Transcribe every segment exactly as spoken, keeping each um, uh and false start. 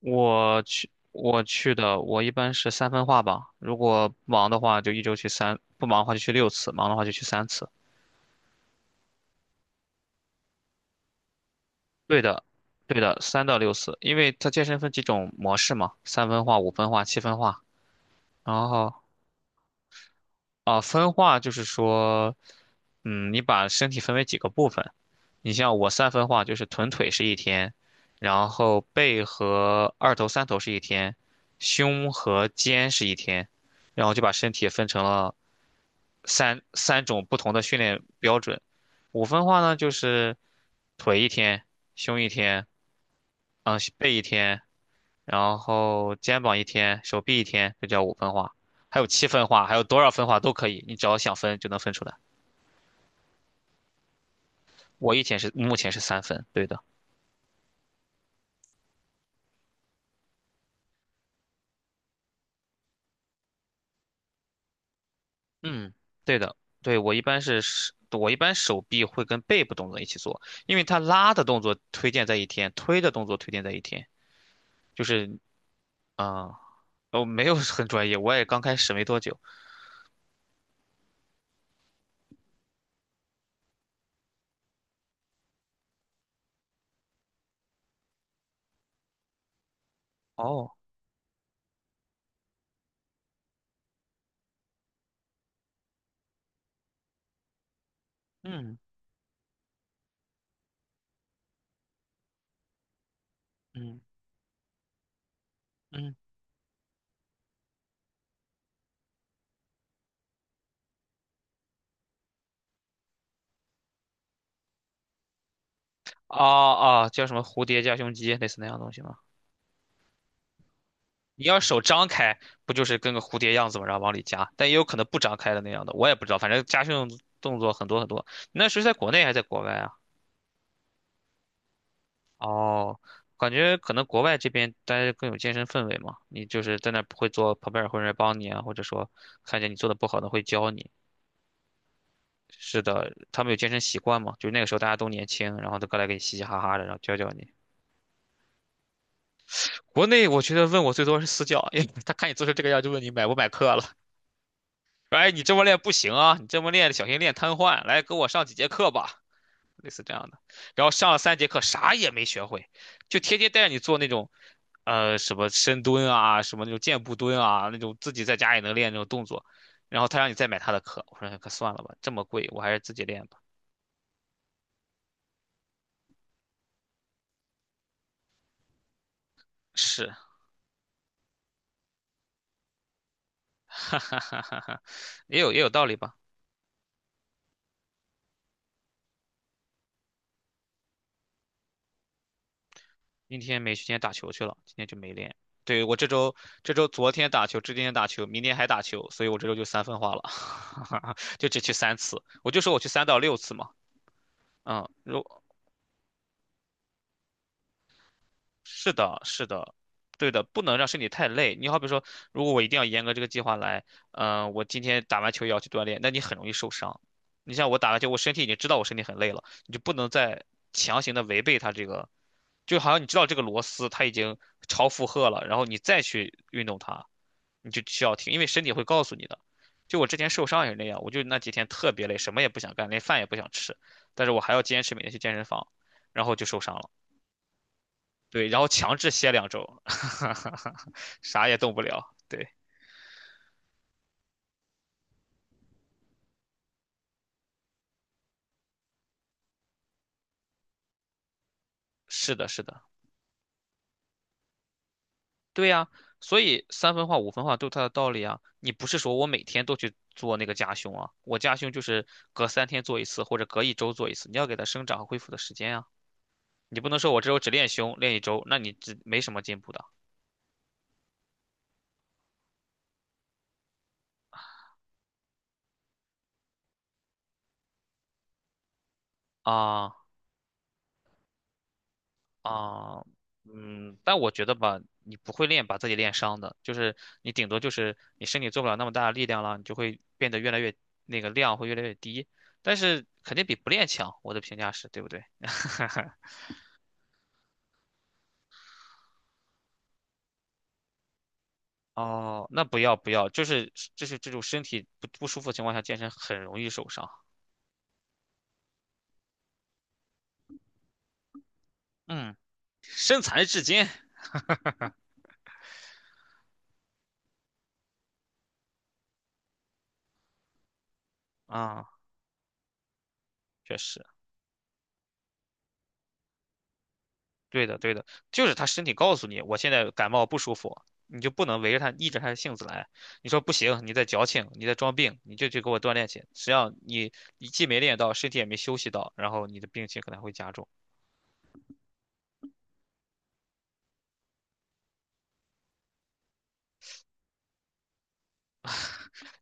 我去，我去的，我一般是三分化吧。如果忙的话，就一周去三；不忙的话就去六次，忙的话就去三次。对的，对的，三到六次，因为它健身分几种模式嘛，三分化、五分化、七分化。然后啊，分化就是说，嗯，你把身体分为几个部分。你像我三分化就是臀腿是一天，然后背和二头、三头是一天，胸和肩是一天，然后就把身体分成了。三三种不同的训练标准。五分化呢，就是腿一天，胸一天，嗯，背一天，然后肩膀一天，手臂一天，这叫五分化。还有七分化，还有多少分化都可以，你只要想分就能分出来。我以前是目前是三分，对的，嗯，对的，对，我一般是手，我一般手臂会跟背部动作一起做，因为它拉的动作推荐在一天，推的动作推荐在一天，就是啊，呃我没有很专业，我也刚开始没多久。哦，嗯嗯嗯，啊啊，叫什么蝴蝶夹胸肌，类似那样的东西吗？你要手张开，不就是跟个蝴蝶样子嘛，然后往里夹？但也有可能不张开的那样的，我也不知道。反正夹胸动作很多很多。那时候在国内还是在国外啊？哦，感觉可能国外这边大家更有健身氛围嘛。你就是在那儿不会做，旁边儿会有人帮你啊，或者说看见你做的不好的会教你。是的，他们有健身习惯嘛？就是那个时候大家都年轻，然后都过来给你嘻嘻哈哈的，然后教教你。国内我觉得问我最多是私教，哎，他看你做成这个样就问你买不买课了，说哎你这么练不行啊，你这么练小心练瘫痪，来跟我上几节课吧，类似这样的。然后上了三节课啥也没学会，就天天带着你做那种，呃什么深蹲啊，什么那种箭步蹲啊，那种自己在家也能练那种动作，然后他让你再买他的课，我说哎可算了吧，这么贵，我还是自己练吧。是，哈哈哈哈哈，也有也有道理吧。今天没时间打球去了，今天就没练。对，我这周这周昨天打球，今天打球，明天还打球，所以我这周就三分化了，就只去三次。我就说我去三到六次嘛，嗯，如是的，是的，对的，不能让身体太累。你好比说，如果我一定要严格这个计划来，嗯、我今天打完球也要去锻炼，那你很容易受伤。你像我打完球，我身体已经知道我身体很累了，你就不能再强行的违背它这个，就好像你知道这个螺丝它已经超负荷了，然后你再去运动它，你就需要停，因为身体会告诉你的。就我之前受伤也是那样，我就那几天特别累，什么也不想干，连饭也不想吃，但是我还要坚持每天去健身房，然后就受伤了。对，然后强制歇两周，啥也动不了。对，是的，是的，对呀，所以三分化、五分化都有它的道理啊。你不是说我每天都去做那个夹胸啊，我夹胸就是隔三天做一次，或者隔一周做一次，你要给它生长和恢复的时间啊。你不能说我这周只练胸练一周，那你只没什么进步的啊。啊，嗯，但我觉得吧，你不会练，把自己练伤的，就是你顶多就是你身体做不了那么大的力量了，你就会变得越来越那个量会越来越低，但是肯定比不练强，我的评价是，对不对？哦，那不要不要，就是就是这种身体不不舒服的情况下健身很容易受伤，嗯，身残志坚啊，确实。对的，对的，就是他身体告诉你，我现在感冒不舒服，你就不能围着他逆着他的性子来。你说不行，你在矫情，你在装病，你就去给我锻炼去。实际上你你既没练到，身体也没休息到，然后你的病情可能会加重。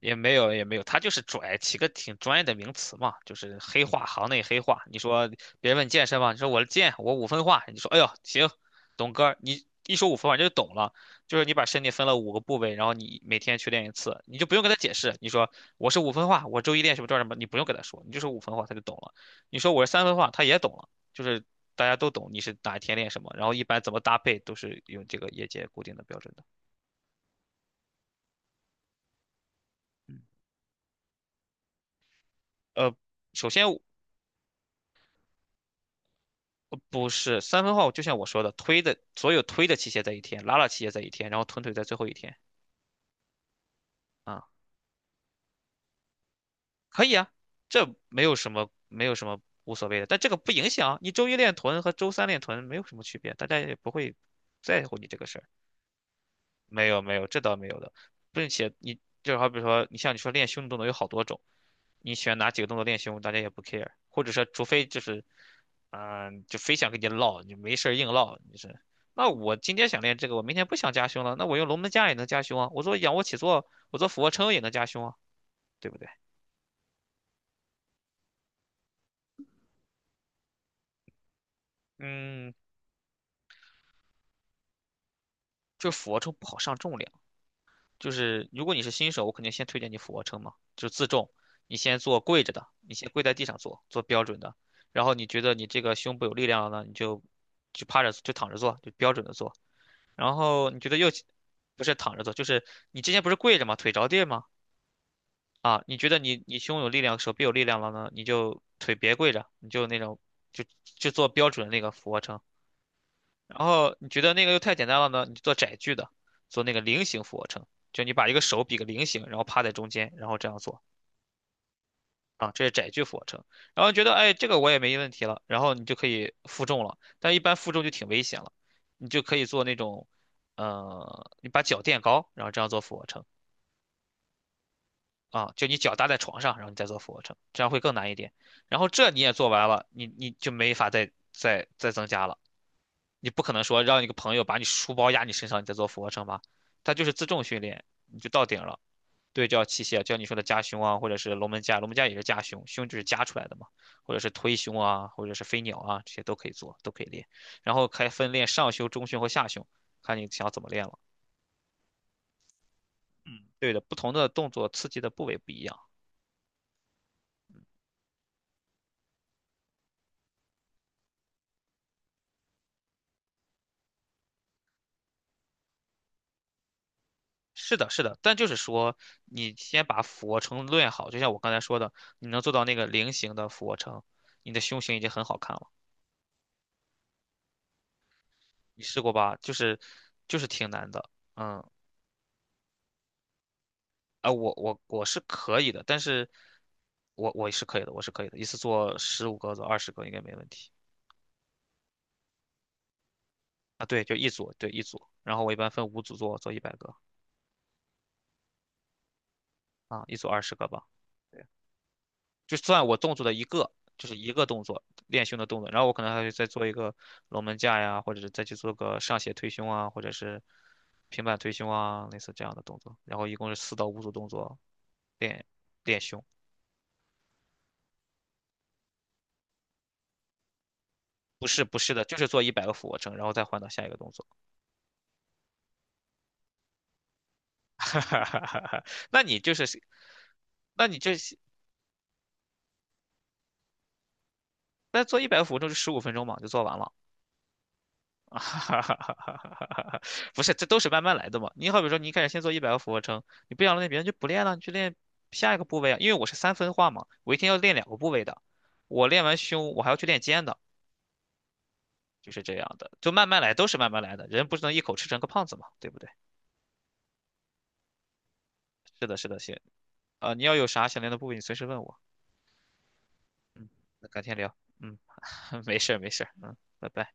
也没有也没有，他就是拽起个挺专业的名词嘛，就是黑话，行内黑话。你说别人问你健身吗？你说我健，我五分化。你说哎呦行，董哥，你一说五分化你就懂了，就是你把身体分了五个部位，然后你每天去练一次，你就不用跟他解释。你说我是五分化，我周一练什么做什么，你不用跟他说，你就说五分化他就懂了。你说我是三分化，他也懂了，就是大家都懂你是哪一天练什么，然后一般怎么搭配都是用这个业界固定的标准的。嗯，呃，首先不是三分号，就像我说的，推的所有推的器械在一天，拉拉器械在一天，然后臀腿在最后一天啊，可以啊，这没有什么没有什么无所谓的，但这个不影响你周一练臀和周三练臀没有什么区别，大家也不会在乎你这个事儿。没有没有，这倒没有的，并且你就好比说，你像你说练胸的动作有好多种，你选哪几个动作练胸，大家也不 care,或者说除非就是，嗯、就非想跟你唠，你没事儿硬唠，你是，那我今天想练这个，我明天不想加胸了，那我用龙门架也能加胸啊，我做仰卧起坐，我做俯卧撑也能加胸啊，对不对？嗯，就俯卧撑不好上重量。就是如果你是新手，我肯定先推荐你俯卧撑嘛，就是自重，你先做跪着的，你先跪在地上做，做标准的。然后你觉得你这个胸部有力量了呢，你就就趴着就躺着做，就标准的做。然后你觉得又不是躺着做，就是你之前不是跪着吗？腿着地吗？啊，你觉得你你胸有力量，手臂有力量了呢，你就腿别跪着，你就那种就就做标准的那个俯卧撑。然后你觉得那个又太简单了呢，你就做窄距的，做那个菱形俯卧撑，就你把一个手比个菱形，然后趴在中间，然后这样做啊，这是窄距俯卧撑。然后觉得哎，这个我也没问题了，然后你就可以负重了，但一般负重就挺危险了，你就可以做那种，呃，你把脚垫高，然后这样做俯卧撑啊，就你脚搭在床上，然后你再做俯卧撑，这样会更难一点。然后这你也做完了，你你就没法再再再增加了。你不可能说让一个朋友把你书包压你身上，你再做俯卧撑吧？它就是自重训练，你就到顶了。对叫器械，叫你说的夹胸啊，或者是龙门架，龙门架也是夹胸，胸就是夹出来的嘛，或者是推胸啊，或者是飞鸟啊，这些都可以做，都可以练。然后还分练上胸、中胸和下胸，看你想怎么练了。嗯，对的，不同的动作刺激的部位不一样。是的，是的，但就是说，你先把俯卧撑练好，就像我刚才说的，你能做到那个菱形的俯卧撑，你的胸型已经很好看了。你试过吧？就是就是挺难的，嗯，啊，我我我是可以的，但是我我是可以的，我是可以的，一次做十五个做二十个应该没问题啊。对，就一组，对一组，然后我一般分五组做，做一百个啊，一组二十个吧。对，就算我动作的一个，就是一个动作练胸的动作，然后我可能还会再做一个龙门架呀，或者是再去做个上斜推胸啊，或者是平板推胸啊，类似这样的动作。然后一共是四到五组动作练练胸。不是不是的，就是做一百个俯卧撑，然后再换到下一个动作。那你就是，那你这那做一百个俯卧撑就十五分钟嘛，就做完了。不是，这都是慢慢来的嘛。你好比说，你一开始先做一百个俯卧撑，你不想练别人就不练了，你去练下一个部位啊。因为我是三分化嘛，我一天要练两个部位的，我练完胸，我还要去练肩的，就是这样的，就慢慢来，都是慢慢来的。人不是能一口吃成个胖子嘛，对不对？是的，是的，行，啊、你要有啥想练的部位，你随时问我。嗯，那改天聊。嗯。没事儿没事儿嗯，拜拜。